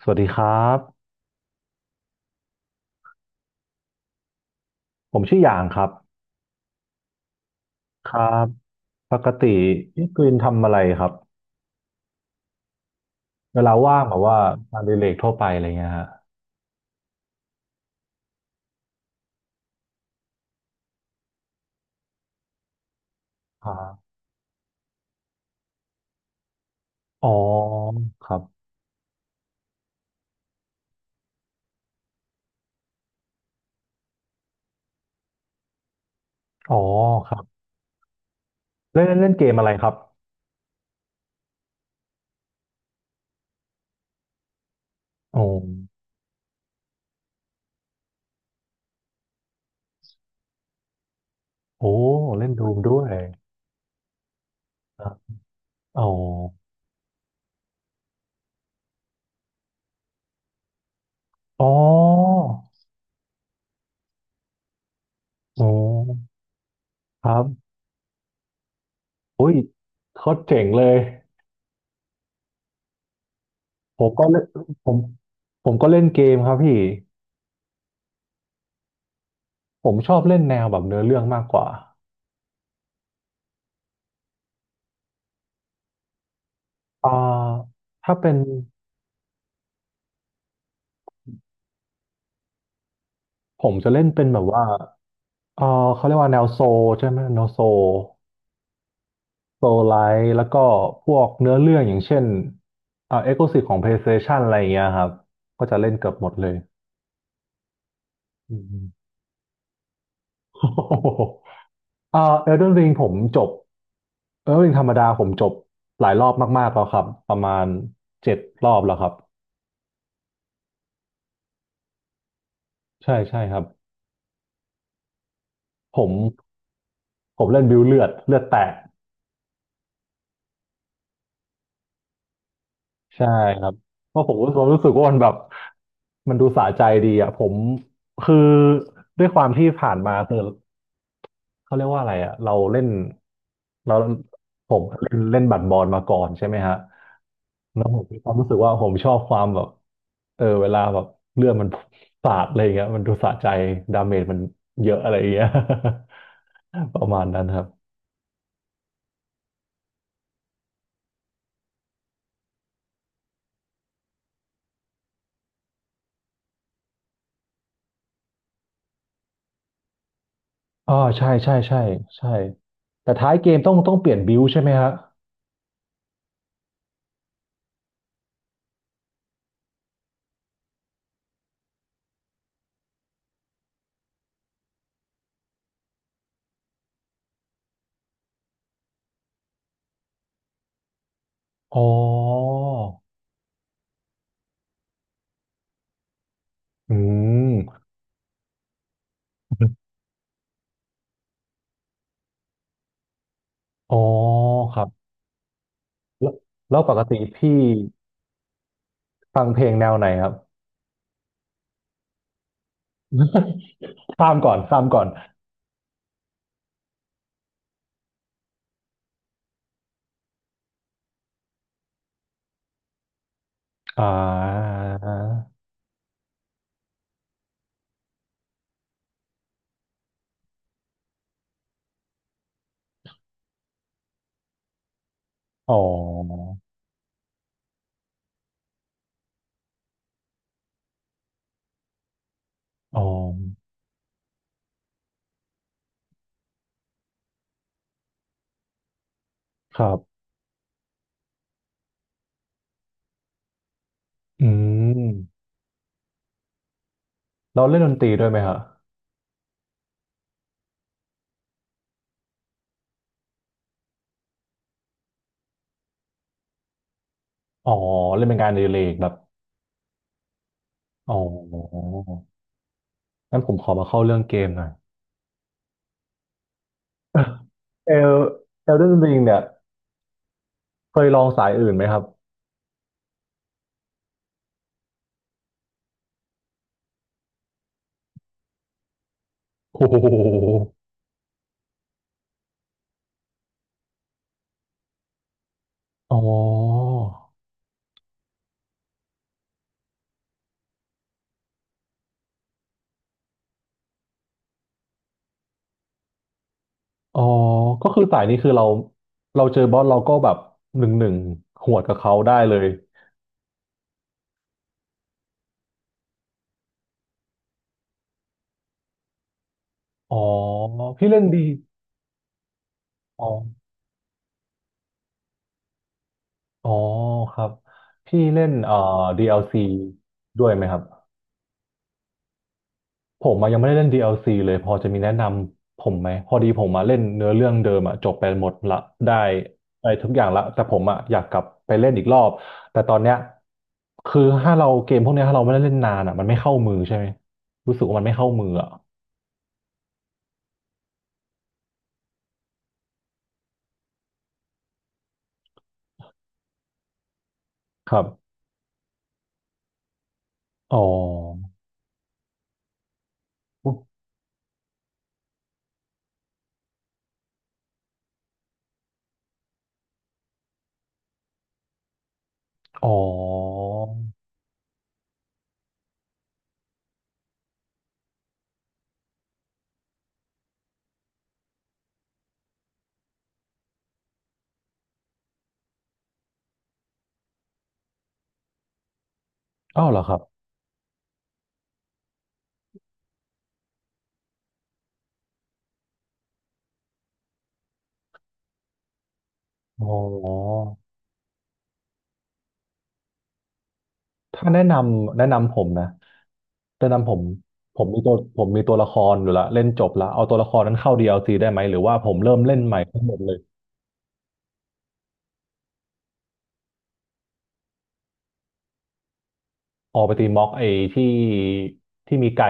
สวัสดีครับผมชื่อหยางครับครับปกติพี่กรีนทำอะไรครับเวลาว่างแบบว่างานอดิเรกทั่วไปอะไรเงี้ยฮะครับอ๋อครับอ๋อครับเล่นเล่นเกมอะไรครับโอ้โอ้เล่นดูมด้วยครับอ๋ออ๋ออ๋อครับอุ้ยโคตรเจ๋งเลยผมก็เล่นผมผมก็เล่นเกมครับพี่ผมชอบเล่นแนวแบบเนื้อเรื่องมากกว่าอ่าถ้าเป็น ผมจะเล่นเป็นแบบว่าเออเขาเรียกว่าแนวโซลใช่ไหม แนวโซลโซลไลท์ แล้วก็พวกเนื้อเรื่องอย่างเช่น เอ็กซ์คลูซีฟของ PlayStation อะไรอย่างเงี้ยครับ ก็จะเล่นเกือบหมดเลยอืมโอ้โหเอเดนวิงผมจบเอลเดนริงธรรมดาผมจบหลายรอบมากๆแล้วครับ ประมาณเจ็ดรอบแล้วครับ ใช่ใช่ครับ ผมผมเล่นบิวเลือดเลือดแตก ใช่ครับเพราะผมรู้สึกว่ามันแบบมันดูสะใจดีอ่ะผมคือด้วยความที่ผ่านมาคือเขาเรียกว่าอะไรอ่ะเราเล่นเราผมเล่นเล่นบัดบอลมาก่อนใช่ไหมฮะแล้วผมมีความรู้สึกว่าผมชอบความแบบเออเวลาแบบเลือดมันสาดอะไรอย่างเงี้ยมันดูสะใจดาเมจมันเยอะอะไรอย่างเงี้ย ประมาณนั้นครับอ๋อใช่ใช่ใช่ใช่แต่ท้ายเกมต้องเปลี่ยนบิวใช่ไหมฮะอ๋อ อืมอ๋อครับแล้วแล้วปกติพี่ฟังเพลงแนวไหนครับ ข้ามก่อนข้ามก่อนอ่าอ๋ออ๋อครับอืมเราเล่นดนตรีด้วยไหมฮะอ๋อเล่นเป็นงานอดิเรกแบบอ๋องั้นผมขอมาเข้าเรื่องเกมหน่อย เอลเอลเดนริงเนี่ยเคยลองสายอื่นไหมครับโอ้โหอ๋อ อ๋อก็คือสายนี้คือเราเราเจอบอสเราก็แบบหนึ่งหนึ่งหวดกับเขาได้เลยอ๋อพี่เล่นดีอ๋ออ๋อครับพี่เล่นDLC ด้วยไหมครับผมมายังไม่ได้เล่น DLC เลยพอจะมีแนะนำผมไหมพอดีผมมาเล่นเนื้อเรื่องเดิมอะจบไปหมดละได้ได้ทุกอย่างละแต่ผมอะอยากกลับไปเล่นอีกรอบแต่ตอนเนี้ยคือถ้าเราเกมพวกเนี้ยถ้าเราไม่ได้เล่นนานอะมันไม่เข้ามือใช่ไหมรู้สึกว่ามันไม่เข้ามืออะครับ อ๋ออ๋ออ้าวเหรอครับอ๋อถ้าแนะนำแนะนำผมนะแนะนำผมผมมีตัวผมมีตัวละครอยู่ละเล่นจบละเอาตัวละครนั้นเข้า DLC ได้ไหมหรือว่าผมเริ่มเล่นใหม่ทั้งหมดเลยออกไปตีม็อกไอ้ที่ที่มีไก่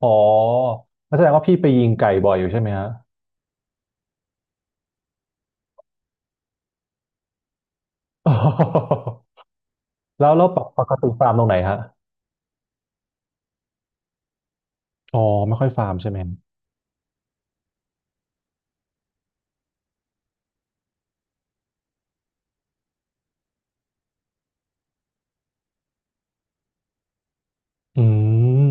อ๋องั้นแสดงว่าพี่ไปยิงไก่บ่อยอยู่ใช่ไหมฮะ แล้วแล้วปกติฟาร์มตรงไหนฮะอ๋อไม่ค่อยฟาร์มใช่ไหมอืม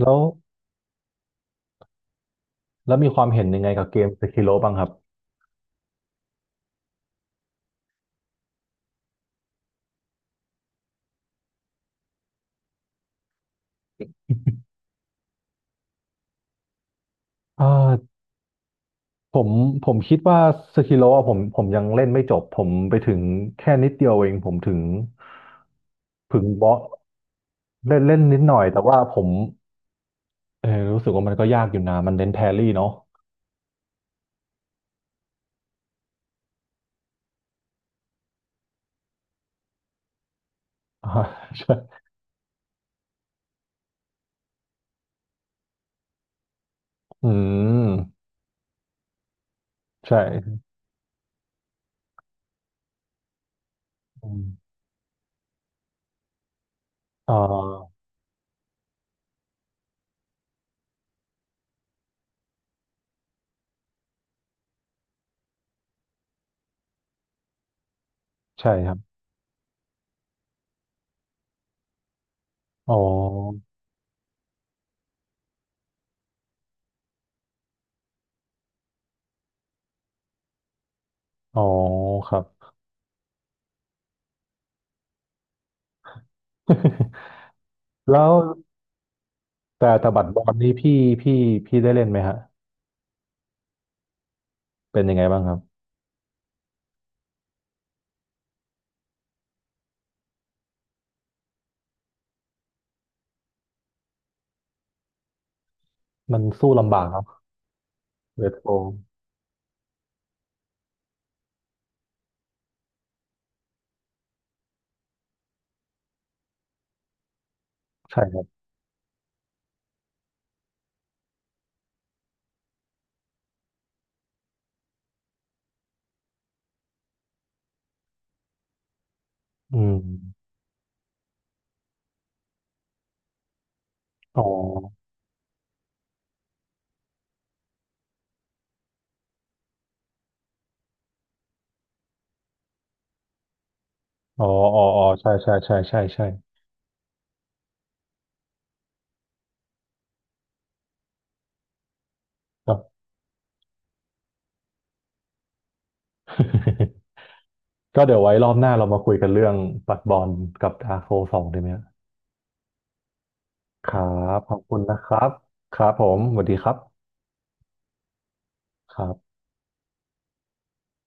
แล้วแล้วมีความเห็นยังไงกับเกมสกิโลบ้างครับอ่า ผมผมคิดว่าสกิโลอะผมยังเล่นไม่จบผมไปถึงแค่นิดเดียวเองผมถึงถึงบอสเล่นเล่นนิดหน่อยแต่ว่าผมเออรู้สึกว่ามันก็ยากอยู่นะมันเน้นแพรรี่เนาะ อ่าใช่อืมใช่อืมอ่าใช่ครับอ๋ออ๋อครับ แล้วแต่แต่บัตรบอลนี้พี่พี่พี่ได้เล่นไหมฮะเป็นยังไงบ้างครับมันสู้ลำบากครับเวทโทใช่ครับอืมอ๋อ อ๋ออ๋ออ๋อใช่ใช่ใช่ใช่ใช่ก็ ก็เดี๋ยวไว้รอบหน้าเรามาคุยกันเรื่องปัดบอลกับดาร์โซสองไดีไหมครับ ขอบคุณนะครับ ครับผมสวัสดีครับครับ